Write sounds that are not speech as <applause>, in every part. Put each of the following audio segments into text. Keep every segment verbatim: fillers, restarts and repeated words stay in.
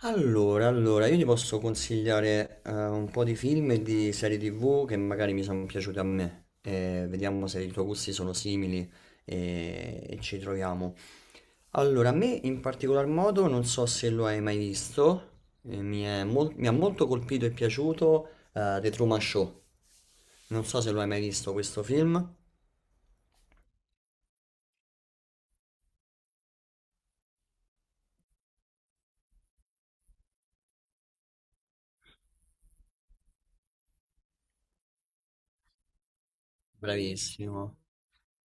Allora, allora, io ti posso consigliare eh, un po' di film e di serie T V che magari mi sono piaciute a me. Eh, vediamo se i tuoi gusti sono simili e, e ci troviamo. Allora, a me in particolar modo, non so se lo hai mai visto, eh, mi è mol- mi ha molto colpito e piaciuto eh, The Truman Show. Non so se lo hai mai visto questo film. Bravissimo.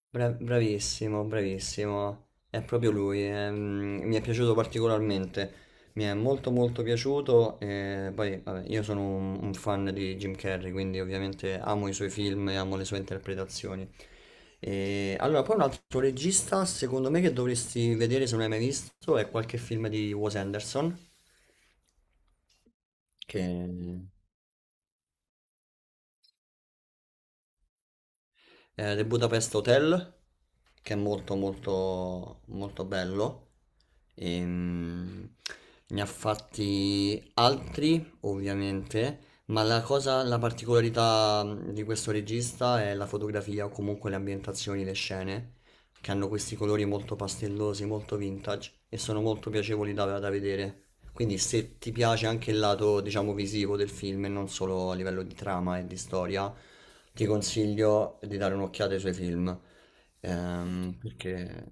Bra- bravissimo, bravissimo, è proprio lui. Ehm, mi è piaciuto particolarmente, mi è molto molto piaciuto, e poi vabbè, io sono un, un fan di Jim Carrey, quindi ovviamente amo i suoi film e amo le sue interpretazioni. E allora, poi un altro regista, secondo me, che dovresti vedere se non hai mai visto, è qualche film di Wes Anderson. Sì. Che eh, The Budapest Hotel, che è molto molto molto bello. Ehm, ne ha fatti altri, ovviamente, ma la cosa, la particolarità mh, di questo regista è la fotografia o comunque le ambientazioni, le scene che hanno questi colori molto pastellosi, molto vintage e sono molto piacevoli da, da vedere. Quindi se ti piace anche il lato, diciamo, visivo del film e non solo a livello di trama e di storia, ti consiglio di dare un'occhiata ai suoi film. Ehm, perché...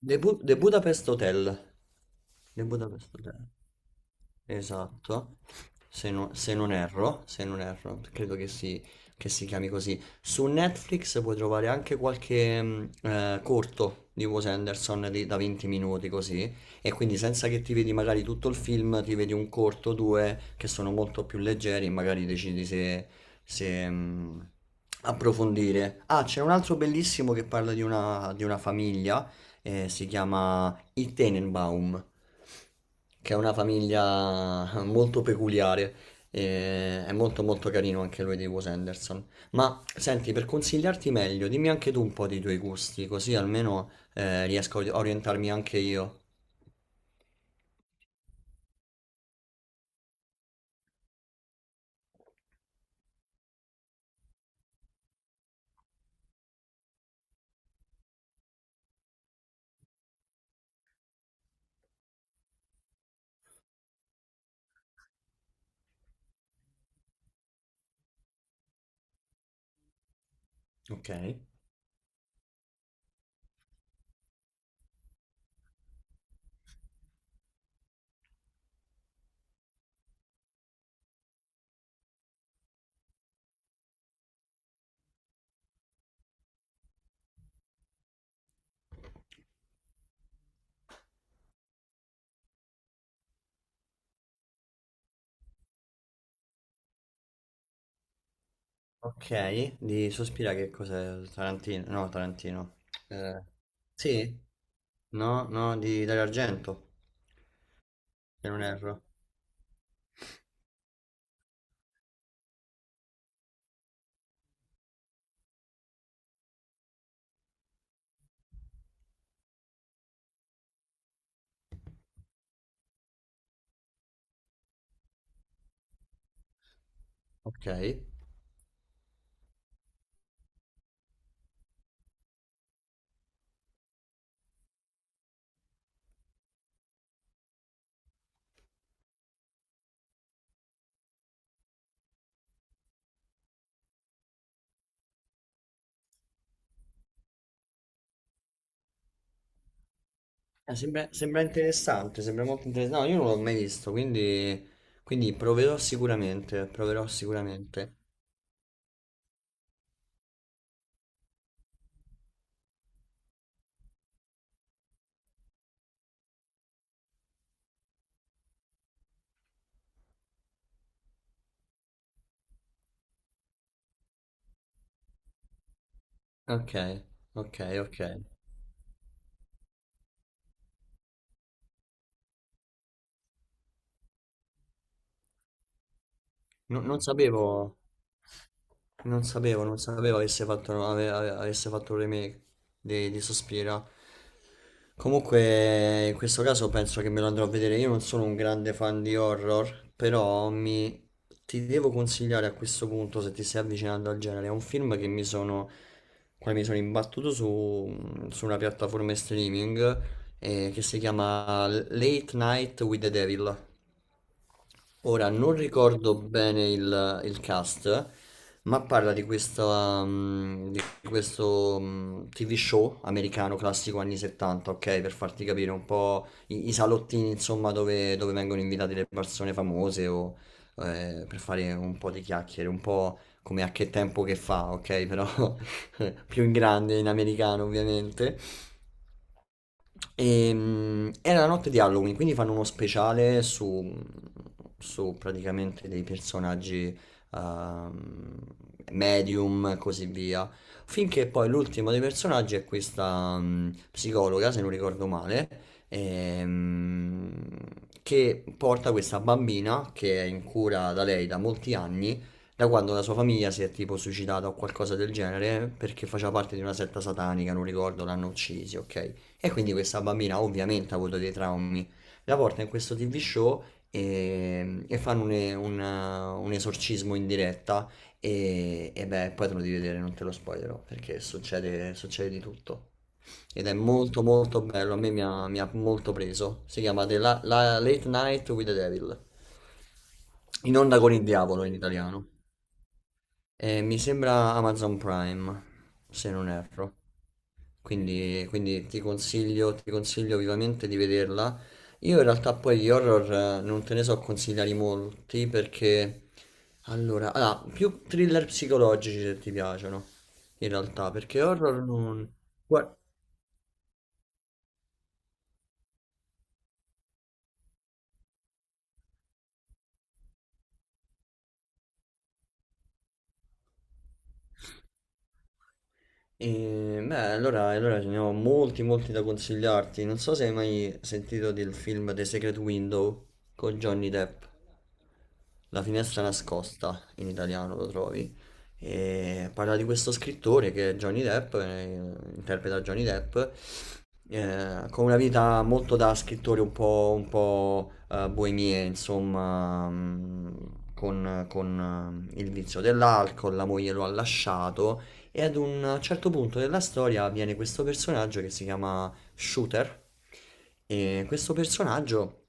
The, Bu- The Budapest Hotel. The Budapest Hotel. Esatto, se non, se non erro, se non erro, credo che si, che si chiami così. Su Netflix puoi trovare anche qualche mh, eh, corto di Wes Anderson di- da venti minuti così, e quindi senza che ti vedi magari tutto il film, ti vedi un corto, due, che sono molto più leggeri e magari decidi se, se, mh, approfondire. Ah, c'è un altro bellissimo che parla di una, di una famiglia, eh, si chiama i Tenenbaum, che è una famiglia molto peculiare. E è molto molto carino anche lui di Wes Anderson. Ma senti, per consigliarti meglio, dimmi anche tu un po' dei tuoi gusti, così almeno eh, riesco a orientarmi anche io. Ok. Ok, di Sospira che cos'è? Tarantino? No, Tarantino. Eh, sì? No, no, di Dario Argento, se non erro. Ok. Eh, sembra, sembra interessante, sembra molto interessante. No, io non l'ho mai visto, quindi, quindi proverò sicuramente, proverò sicuramente. Ok, ok, ok. No- non sapevo, non sapevo, non sapevo avesse fatto, ave- ave- avesse fatto un remake di, di Sospira. Comunque, in questo caso penso che me lo andrò a vedere. Io non sono un grande fan di horror, però mi... ti devo consigliare a questo punto, se ti stai avvicinando al genere, è un film che mi sono, quale mi sono imbattuto su, su una piattaforma streaming eh, che si chiama Late Night with the Devil. Ora non ricordo bene il, il cast, ma parla di questa, mm, di questo mm, T V show americano classico anni settanta, ok? Per farti capire un po' i, i salottini, insomma, dove, dove vengono invitate le persone famose o eh, per fare un po' di chiacchiere, un po' come a che tempo che fa, ok? Però <laughs> più in grande in americano, ovviamente. Ehm, era la notte di Halloween, quindi fanno uno speciale su, su praticamente dei personaggi ehm, medium e così via. Finché poi l'ultimo dei personaggi è questa mm, psicologa, se non ricordo male, ehm, che porta questa bambina che è in cura da lei da molti anni, da quando la sua famiglia si è tipo suicidata o qualcosa del genere, perché faceva parte di una setta satanica, non ricordo, l'hanno uccisi, ok? E quindi questa bambina ovviamente ha avuto dei traumi. La porta in questo ti vu show e, e fanno un, un- un esorcismo in diretta e, e beh, poi te lo devi vedere, non te lo spoilerò, perché succede, succede di tutto. Ed è molto molto bello, a me mi ha, mi ha molto preso. Si chiama The La- La- Late Night with the Devil. In onda con il diavolo in italiano. Eh, mi sembra Amazon Prime, se non erro. Quindi, quindi ti consiglio, ti consiglio vivamente di vederla. Io in realtà poi gli horror eh, non te ne so consigliare molti perché. Allora, ah, più thriller psicologici se ti piacciono, in realtà, perché horror non. Guarda. E, beh, allora, allora ce ne ho molti, molti da consigliarti. Non so se hai mai sentito del film The Secret Window con Johnny Depp. La finestra nascosta, in italiano lo trovi. E parla di questo scrittore che è Johnny Depp, eh, interpreta Johnny Depp, eh, con una vita molto da scrittore un po', un po', eh, boemia, insomma, mm, con, con, eh, il vizio dell'alcol, la moglie lo ha lasciato e ad un certo punto della storia viene questo personaggio che si chiama Shooter e questo personaggio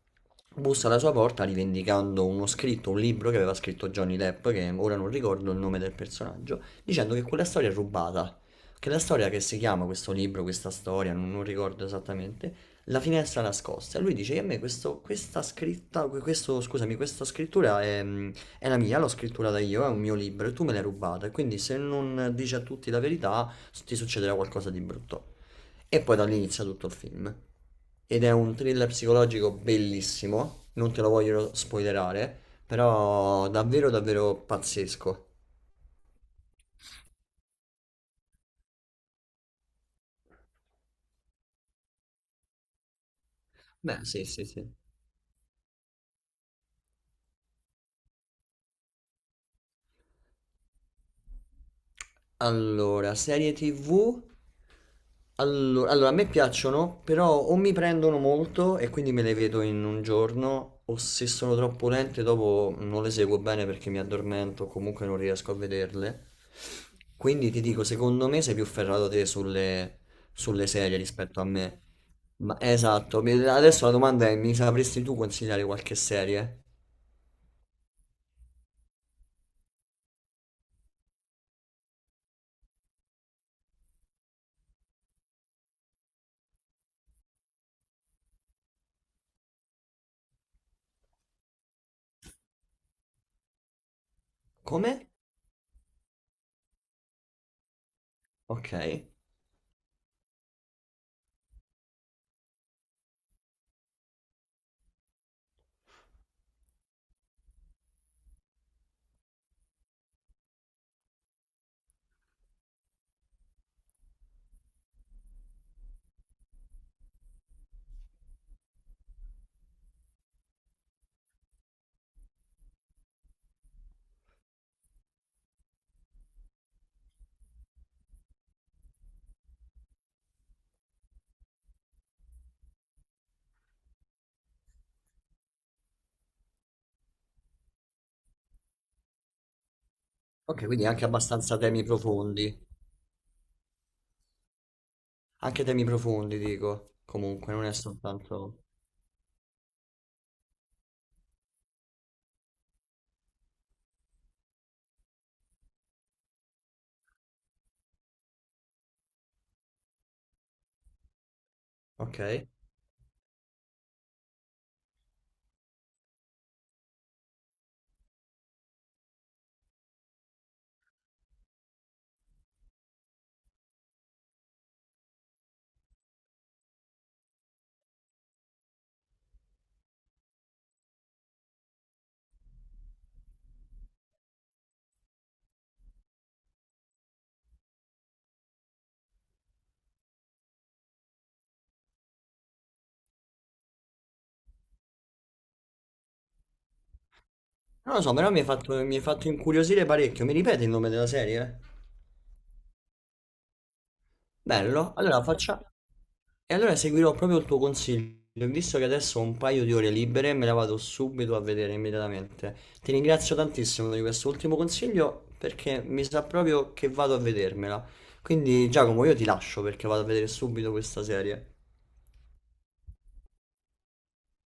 bussa alla sua porta rivendicando uno scritto, un libro che aveva scritto Johnny Depp, che ora non ricordo il nome del personaggio, dicendo che quella storia è rubata. Che la storia che si chiama questo libro, questa storia, non, non ricordo esattamente, La finestra nascosta. E lui dice che a me questo- questa scritta, que- questo, scusami, questa scrittura è, mm, è la mia, l'ho scrittata io, è un mio libro e tu me l'hai rubata. E quindi se non dici a tutti la verità, ti succederà qualcosa di brutto. E poi da lì inizia tutto il film. Ed è un thriller psicologico bellissimo, non te lo voglio spoilerare, però davvero davvero pazzesco. Beh, sì, sì, sì. Allora, serie T V. Allo- Allora, allora, a me piacciono, però o mi prendono molto e quindi me le vedo in un giorno, o se sono troppo lente dopo non le seguo bene perché mi addormento, comunque non riesco a vederle. Quindi ti dico, secondo me sei più ferrato te sulle, sulle serie rispetto a me. Ma esatto, mi- adesso la domanda è, mi sapresti tu consigliare qualche serie? Come? Ok. Ok, quindi anche abbastanza temi profondi. Anche temi profondi, dico. Comunque, non è soltanto. Ok. Non lo so, però mi hai fatto, mi hai fatto incuriosire parecchio. Mi ripeti il nome della serie? Bello. Allora faccia... E allora seguirò proprio il tuo consiglio. Visto che adesso ho un paio di ore libere, me la vado subito a vedere immediatamente. Ti ringrazio tantissimo di questo ultimo consiglio perché mi sa proprio che vado a vedermela. Quindi, Giacomo, io ti lascio perché vado a vedere subito questa serie.